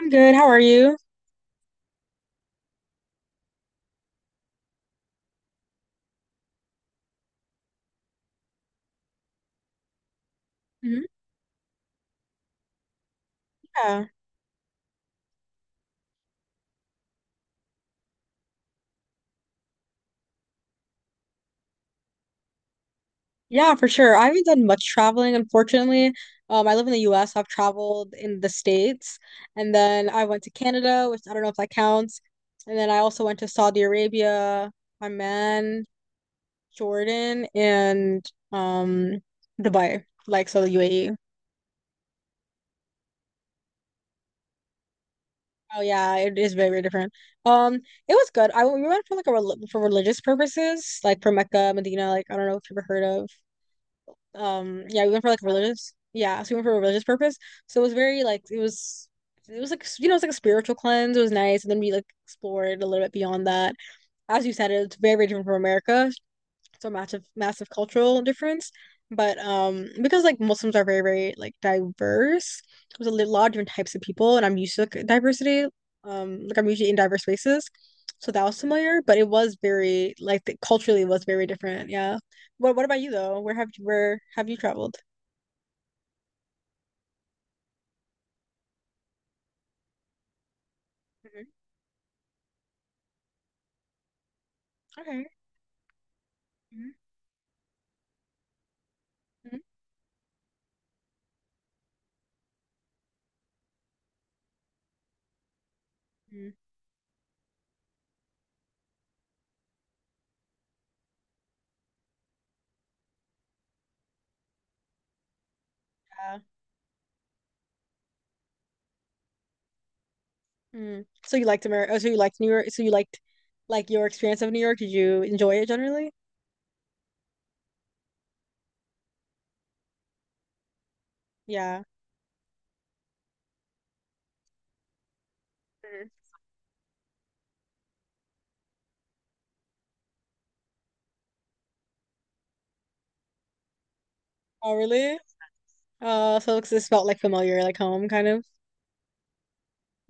I'm good. How are you? Mhm. Yeah. Yeah, for sure. I haven't done much traveling, unfortunately. I live in the US. I've traveled in the States, and then I went to Canada, which I don't know if that counts. And then I also went to Saudi Arabia, Oman, Jordan, and um Dubai, like so the UAE. Oh yeah, it is very, very different. It was good. I we went for like a rel for religious purposes, like for Mecca, Medina, like I don't know if you've ever heard of. Yeah, we went for like religious yeah so we went for a religious purpose. So it was very like it was like it's like a spiritual cleanse. It was nice, and then we like explored a little bit beyond that. As you said, it's very, very different from America. It's a massive, massive cultural difference. But because like Muslims are very like diverse, there's a lot of different types of people, and I'm used to like diversity. Like I'm usually in diverse spaces, so that was familiar. But it was very like the, culturally it was very different. Yeah. What about you though? Where have you traveled? Mhm. Okay. Mm-hmm. Mm-hmm. Yeah. Mm. So you liked America? So you liked New York? So you liked like your experience of New York? Did you enjoy it generally? Yeah. Mhm. Oh, really? Oh, this felt like familiar, like home, kind of.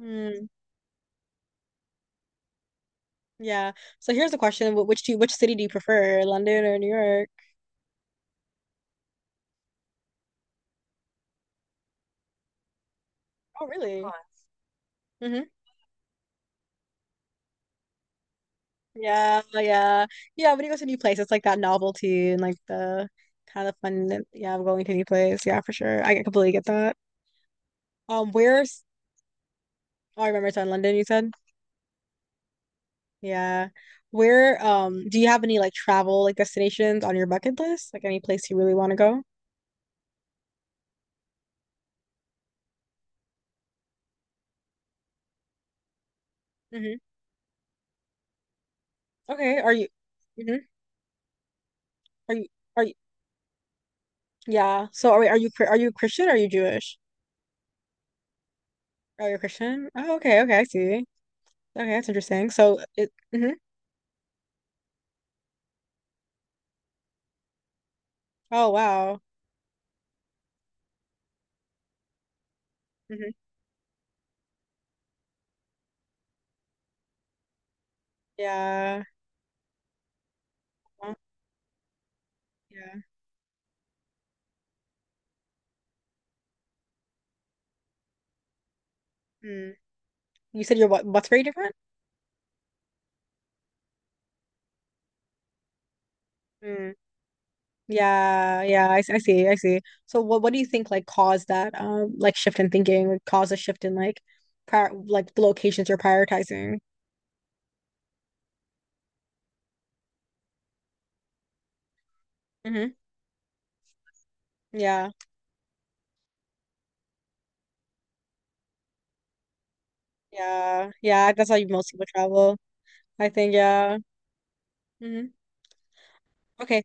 Mm, yeah. So here's the question: Which do which city do you prefer, London or New York? Oh, really? Fun. Hmm. Yeah, yeah, yeah. When you go to a new place, it's like that novelty and like the kind of Yeah, of going to a new place. Yeah, for sure. I completely get that. Where's? Oh, I remember it's in London. You said. Yeah. Where? Do you have any like travel like destinations on your bucket list? Like any place you really want to go? Hmm. Okay. Are you? Hmm. Are you? Are you? Yeah. So are are you Christian? Are you Jewish? Are you Christian? Oh, okay, okay, I see. Okay, that's interesting. So it. Mhm. Oh wow. Hmm. Yeah. Well, yeah. Mm. You said your what? What's very different? Mm. Yeah. Yeah. I see. I see. So what do you think like caused that like shift in thinking? Like cause a shift in like prior like the locations you're prioritizing? Hmm. Yeah. Yeah. Yeah. That's how you most people travel. I think. Yeah. Hmm. Okay.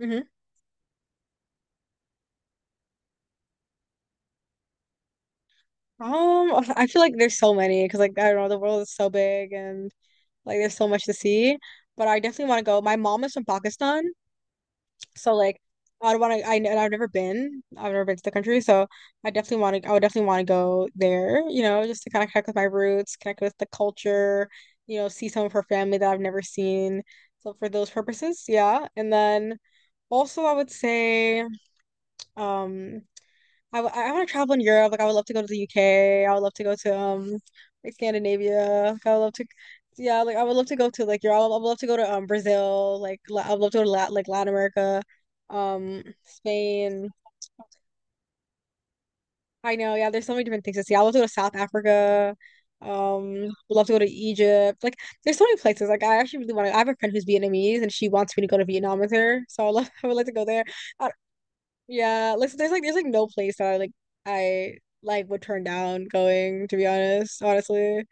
Mm-hmm. I feel like there's so many because like I don't know, the world is so big and like there's so much to see. But I definitely want to go. My mom is from Pakistan, so like I don't want to. I and I've never been. I've never been to the country, so I definitely want to. I would definitely want to go there. You know, just to kind of connect with my roots, connect with the culture. You know, see some of her family that I've never seen. So for those purposes, yeah. And then also I would say, um, I want to travel in Europe. Like I would love to go to the UK. I would love to go to like Scandinavia. Like, I would love to, yeah. Like I would love to go to like Europe. I would love to go to Brazil. I would love to go to Lat like Latin America, Spain. I know. Yeah, there's so many different things to see. I would love to go to South Africa. Um, would love to go to Egypt. Like there's so many places. Like I actually really want to. I have a friend who's Vietnamese and she wants me to go to Vietnam with her. So I love. I would like to go there. Yeah, like so there's like no place that I like would turn down going, to be honest, honestly.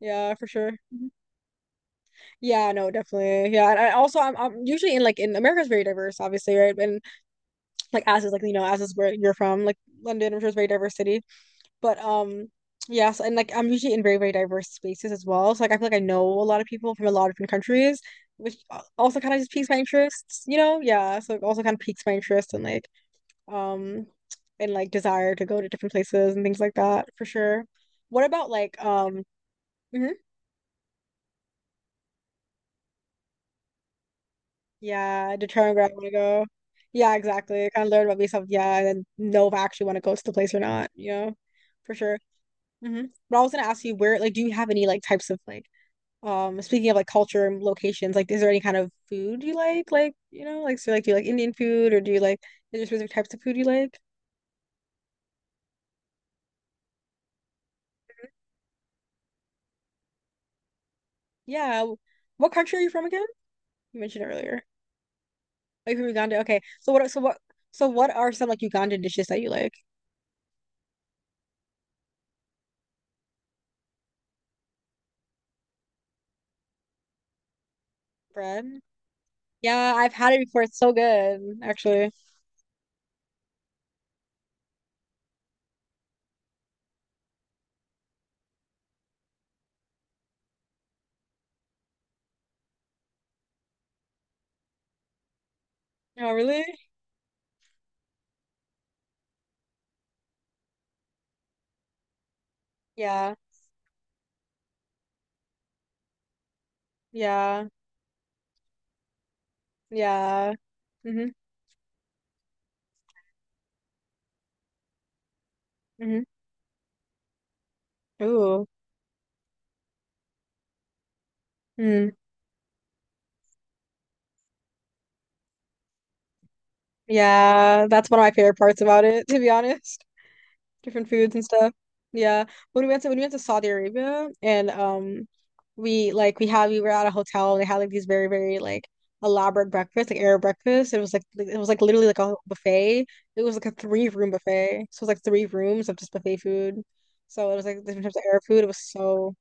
Yeah, for sure. Mhm. Yeah, no, definitely. Yeah, and I also I'm usually in America's very diverse, obviously, right? And like as is as is where you're from, like London, I'm sure is a very diverse city. But yeah, so, and like I'm usually in very diverse spaces as well. So like I feel like I know a lot of people from a lot of different countries, which also kind of just piques my interests, you know? Yeah, so it also kind of piques my interest um and like desire to go to different places and things like that for sure. What about like mhm, yeah, determine where I want to go. Yeah, exactly. Kind of learn about myself, yeah, and then know if I actually want to go to the place or not, you know, for sure. Hmm. But I was gonna ask you where like do you have any like types of like speaking of like culture and locations, like is there any kind of food you like? Like, you know, like so like do you like Indian food or do you like is there specific types of food you like? Yeah. What country are you from again? You mentioned earlier. Are you from Uganda? Okay. So what are some like Ugandan dishes that you like? Bread? Yeah, I've had it before. It's so good, actually. Oh, really? Yeah. Yeah. Yeah. Mm-hmm. Mm-hmm. Ooh. Mm. Yeah. That's one of my favorite parts about it, to be honest. Different foods and stuff. Yeah. When we went to Saudi Arabia and we like we had we were at a hotel and they had like these very, very like elaborate breakfast, like Arab breakfast. It was it was like literally like a buffet. It was like a three room buffet. So it was like three rooms of just buffet food. So it was like different types of Arab food. It was so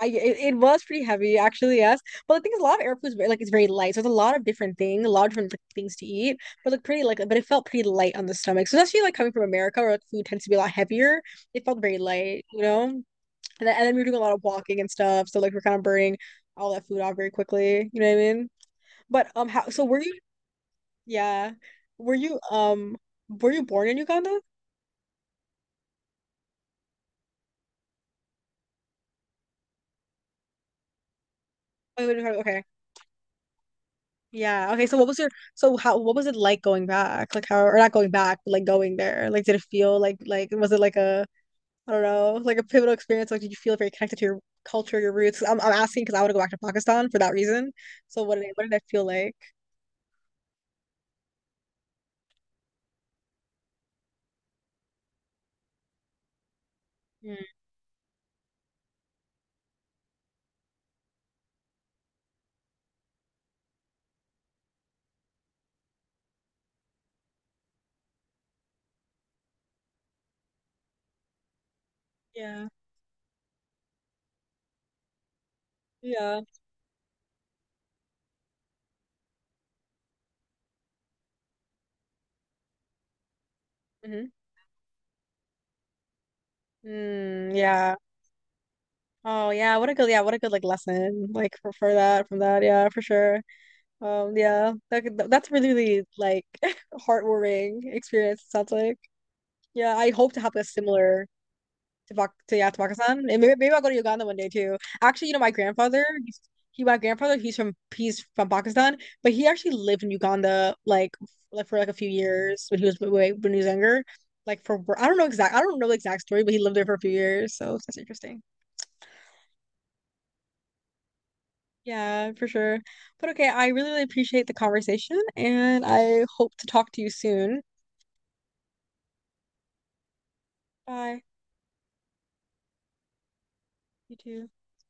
I it was pretty heavy actually, yes. But the thing is a lot of Arab food is very, like it's very light. So it's a lot of different things, a lot of different like, things to eat, but like pretty like but it felt pretty light on the stomach. So especially like coming from America where like food tends to be a lot heavier, it felt very light, you know. And and then we were doing a lot of walking and stuff, so like we're kind of burning all that food off very quickly. You know what I mean? But how so were you? Yeah, were you um, were you born in Uganda? Oh, you were- okay, Yeah. Okay. So what was your so how what was it like going back? Like how or not going back, but like going there? Like did it feel like was it like a I don't know, like a pivotal experience? Like did you feel very connected to your culture, your roots? 'Cause I'm asking because I want to go back to Pakistan for that reason. So what did what did that feel like? Mm. Yeah. Yeah. Hmm. Mm, yeah. Oh yeah, what a good yeah, what a good like lesson like for that from that yeah for sure. Yeah, that's really really like heartwarming experience. It sounds like. Yeah, I hope to have a similar to Pak to yeah to Pakistan, and maybe, maybe I'll go to Uganda one day too. Actually, you know, my grandfather, he's from Pakistan, but he actually lived in Uganda like for a few years when he was way when he was younger. I don't know exact I don't know the exact story, but he lived there for a few years, so that's interesting. Yeah, for sure. But okay, I really, really appreciate the conversation, and I hope to talk to you soon. Bye. You too.